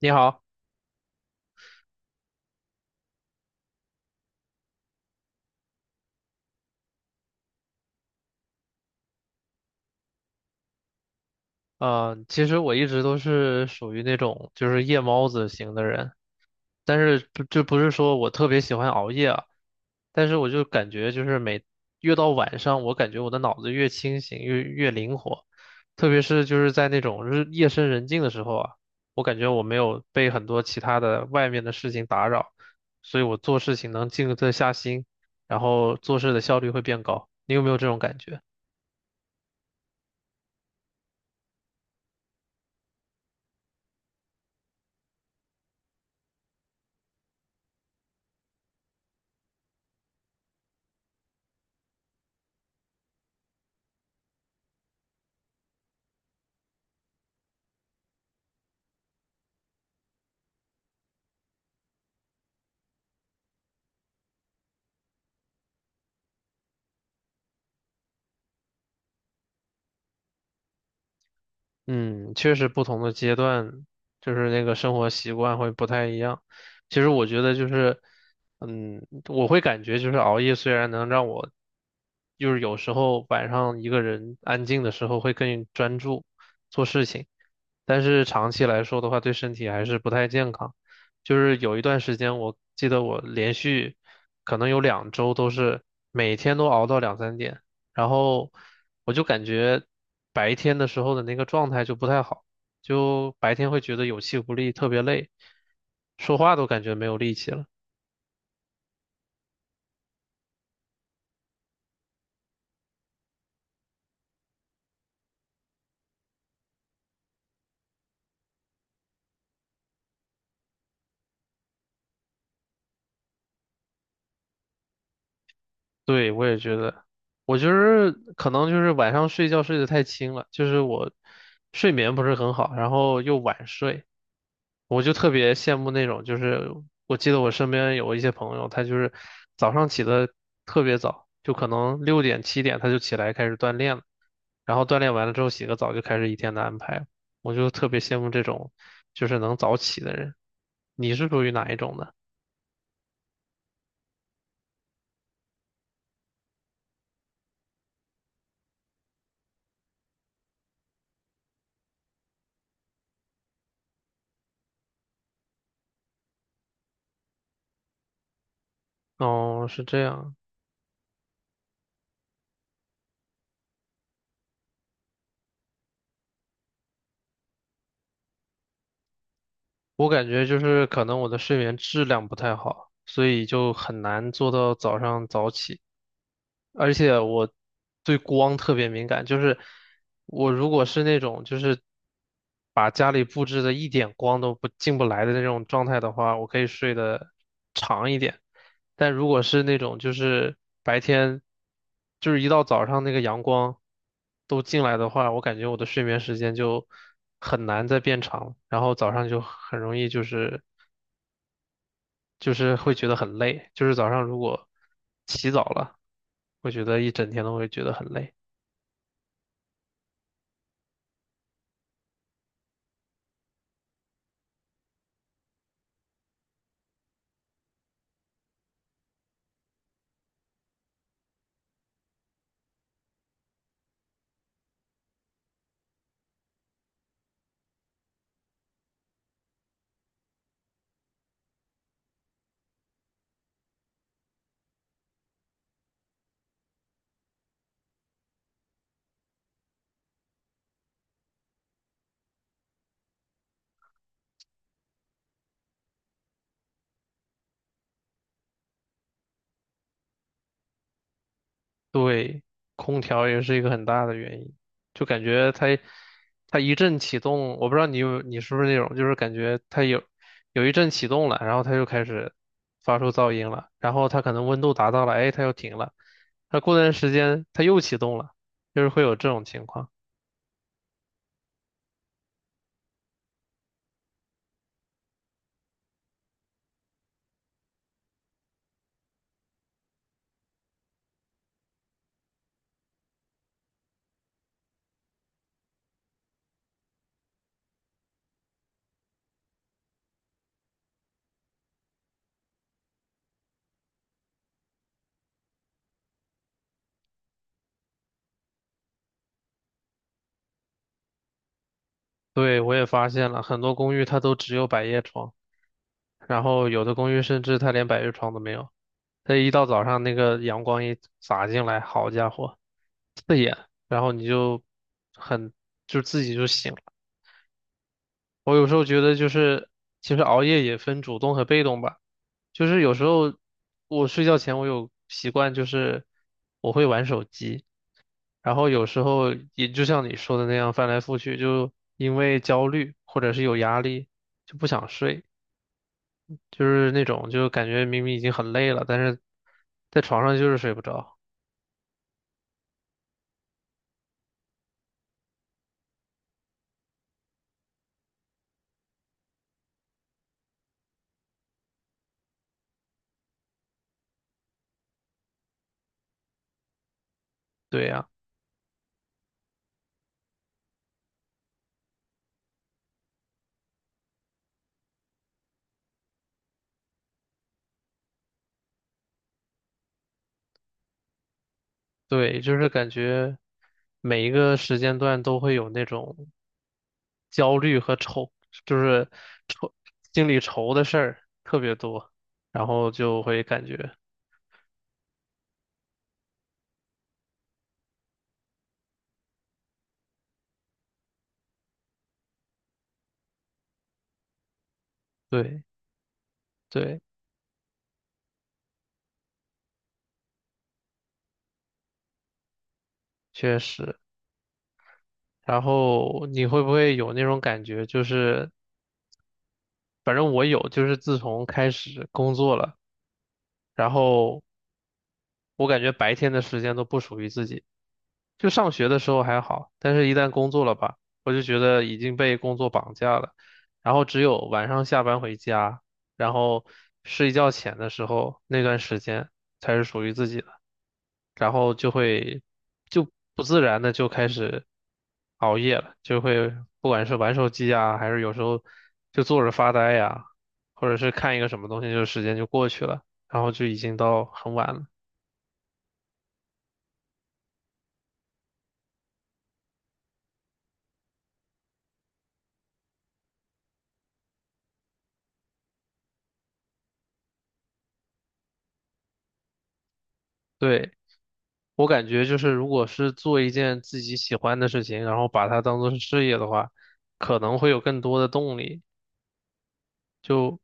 你好，嗯，其实我一直都是属于那种就是夜猫子型的人，但是不是说我特别喜欢熬夜啊，但是我就感觉就是越到晚上，我感觉我的脑子越清醒越灵活，特别是就是在那种日夜深人静的时候啊，我感觉我没有被很多其他的外面的事情打扰，所以我做事情能静得下心，然后做事的效率会变高。你有没有这种感觉？嗯，确实不同的阶段，就是那个生活习惯会不太一样。其实我觉得就是，我会感觉就是熬夜虽然能让我，就是有时候晚上一个人安静的时候会更专注做事情，但是长期来说的话，对身体还是不太健康。就是有一段时间，我记得我连续可能有2周都是每天都熬到2、3点。然后我就感觉白天的时候的那个状态就不太好，就白天会觉得有气无力，特别累，说话都感觉没有力气了。对，我也觉得，我就是可能就是晚上睡觉睡得太轻了，就是我睡眠不是很好，然后又晚睡，我就特别羡慕那种，就是我记得我身边有一些朋友，他就是早上起得特别早，就可能6点7点他就起来开始锻炼了。然后锻炼完了之后洗个澡就开始一天的安排。我就特别羡慕这种就是能早起的人。你是属于哪一种的？哦，是这样。我感觉就是可能我的睡眠质量不太好，所以就很难做到早上早起。而且我对光特别敏感，就是我如果是那种就是把家里布置的一点光都不进不来的那种状态的话，我可以睡得长一点。但如果是那种就是白天就是一到早上那个阳光都进来的话，我感觉我的睡眠时间就很难再变长，然后早上就很容易就是会觉得很累，就是早上如果起早了，会觉得一整天都会觉得很累。对，空调也是一个很大的原因，就感觉它一阵启动，我不知道你是不是那种，就是感觉它有一阵启动了，然后它就开始发出噪音了，然后它可能温度达到了，哎，它又停了，它过段时间它又启动了，就是会有这种情况。对，我也发现了，很多公寓它都只有百叶窗。然后有的公寓甚至它连百叶窗都没有，它一到早上那个阳光一洒进来，好家伙，然后你就很就自己就醒了。我有时候觉得就是其实熬夜也分主动和被动吧，就是有时候我睡觉前我有习惯就是我会玩手机，然后有时候也就像你说的那样翻来覆去，就因为焦虑或者是有压力就不想睡。就是那种就感觉明明已经很累了，但是在床上就是睡不着。对呀，对，就是感觉每一个时间段都会有那种焦虑和愁，就是愁，心里愁的事儿特别多，然后就会感觉，对对，确实。然后你会不会有那种感觉？就是反正我有，就是自从开始工作了，然后我感觉白天的时间都不属于自己。就上学的时候还好，但是一旦工作了吧，我就觉得已经被工作绑架了。然后只有晚上下班回家，然后睡觉前的时候那段时间才是属于自己的，然后就会就不自然的就开始熬夜了，就会不管是玩手机呀，还是有时候就坐着发呆呀，或者是看一个什么东西，就时间就过去了，然后就已经到很晚了。对。我感觉就是，如果是做一件自己喜欢的事情，然后把它当做是事业的话，可能会有更多的动力。就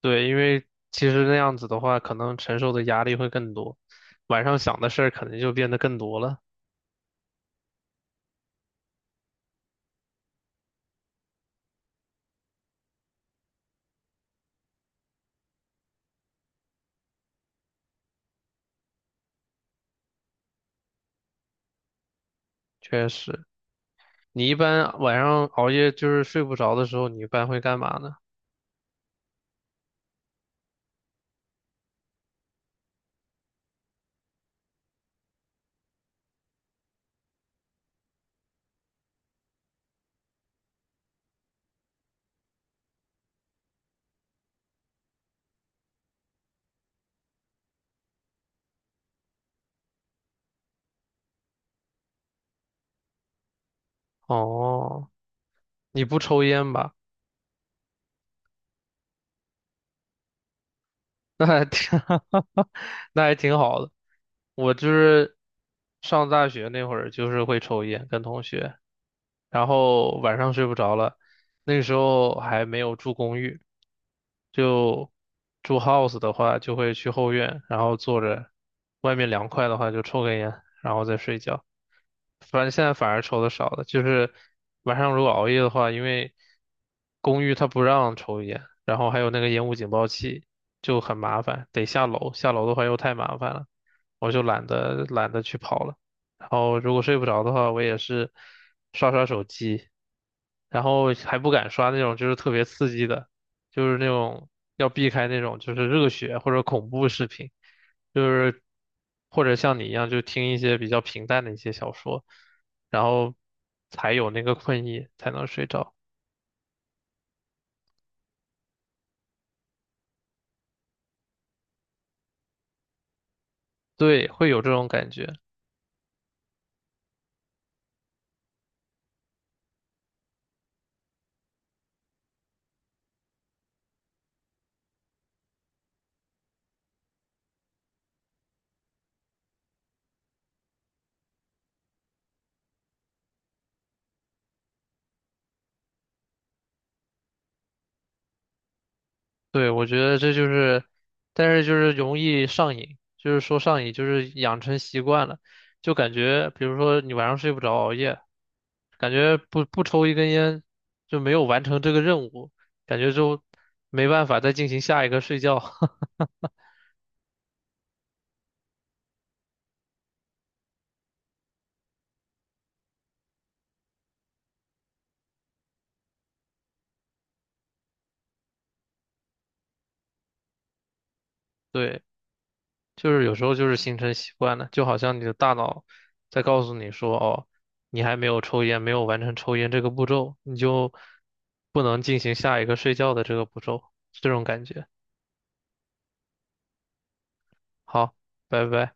对，因为其实那样子的话，可能承受的压力会更多，晚上想的事儿可能就变得更多了。确实，你一般晚上熬夜就是睡不着的时候，你一般会干嘛呢？哦，你不抽烟吧？那还挺，那还挺好的。我就是上大学那会儿，就是会抽烟，跟同学。然后晚上睡不着了，那个时候还没有住公寓，就住 house 的话，就会去后院，然后坐着，外面凉快的话就抽根烟，然后再睡觉。反正现在反而抽的少了，就是晚上如果熬夜的话，因为公寓它不让抽烟，然后还有那个烟雾警报器，就很麻烦，得下楼，下楼的话又太麻烦了，我就懒得去跑了。然后如果睡不着的话，我也是刷刷手机，然后还不敢刷那种就是特别刺激的，就是那种要避开那种就是热血或者恐怖视频，就是或者像你一样就听一些比较平淡的一些小说，然后才有那个困意才能睡着。对，会有这种感觉。对，我觉得这就是，但是就是容易上瘾，就是说上瘾，就是养成习惯了，就感觉，比如说你晚上睡不着，熬夜，感觉不抽一根烟就没有完成这个任务，感觉就没办法再进行下一个睡觉。对，就是有时候就是形成习惯了，就好像你的大脑在告诉你说，哦，你还没有抽烟，没有完成抽烟这个步骤，你就不能进行下一个睡觉的这个步骤，这种感觉。好，拜拜。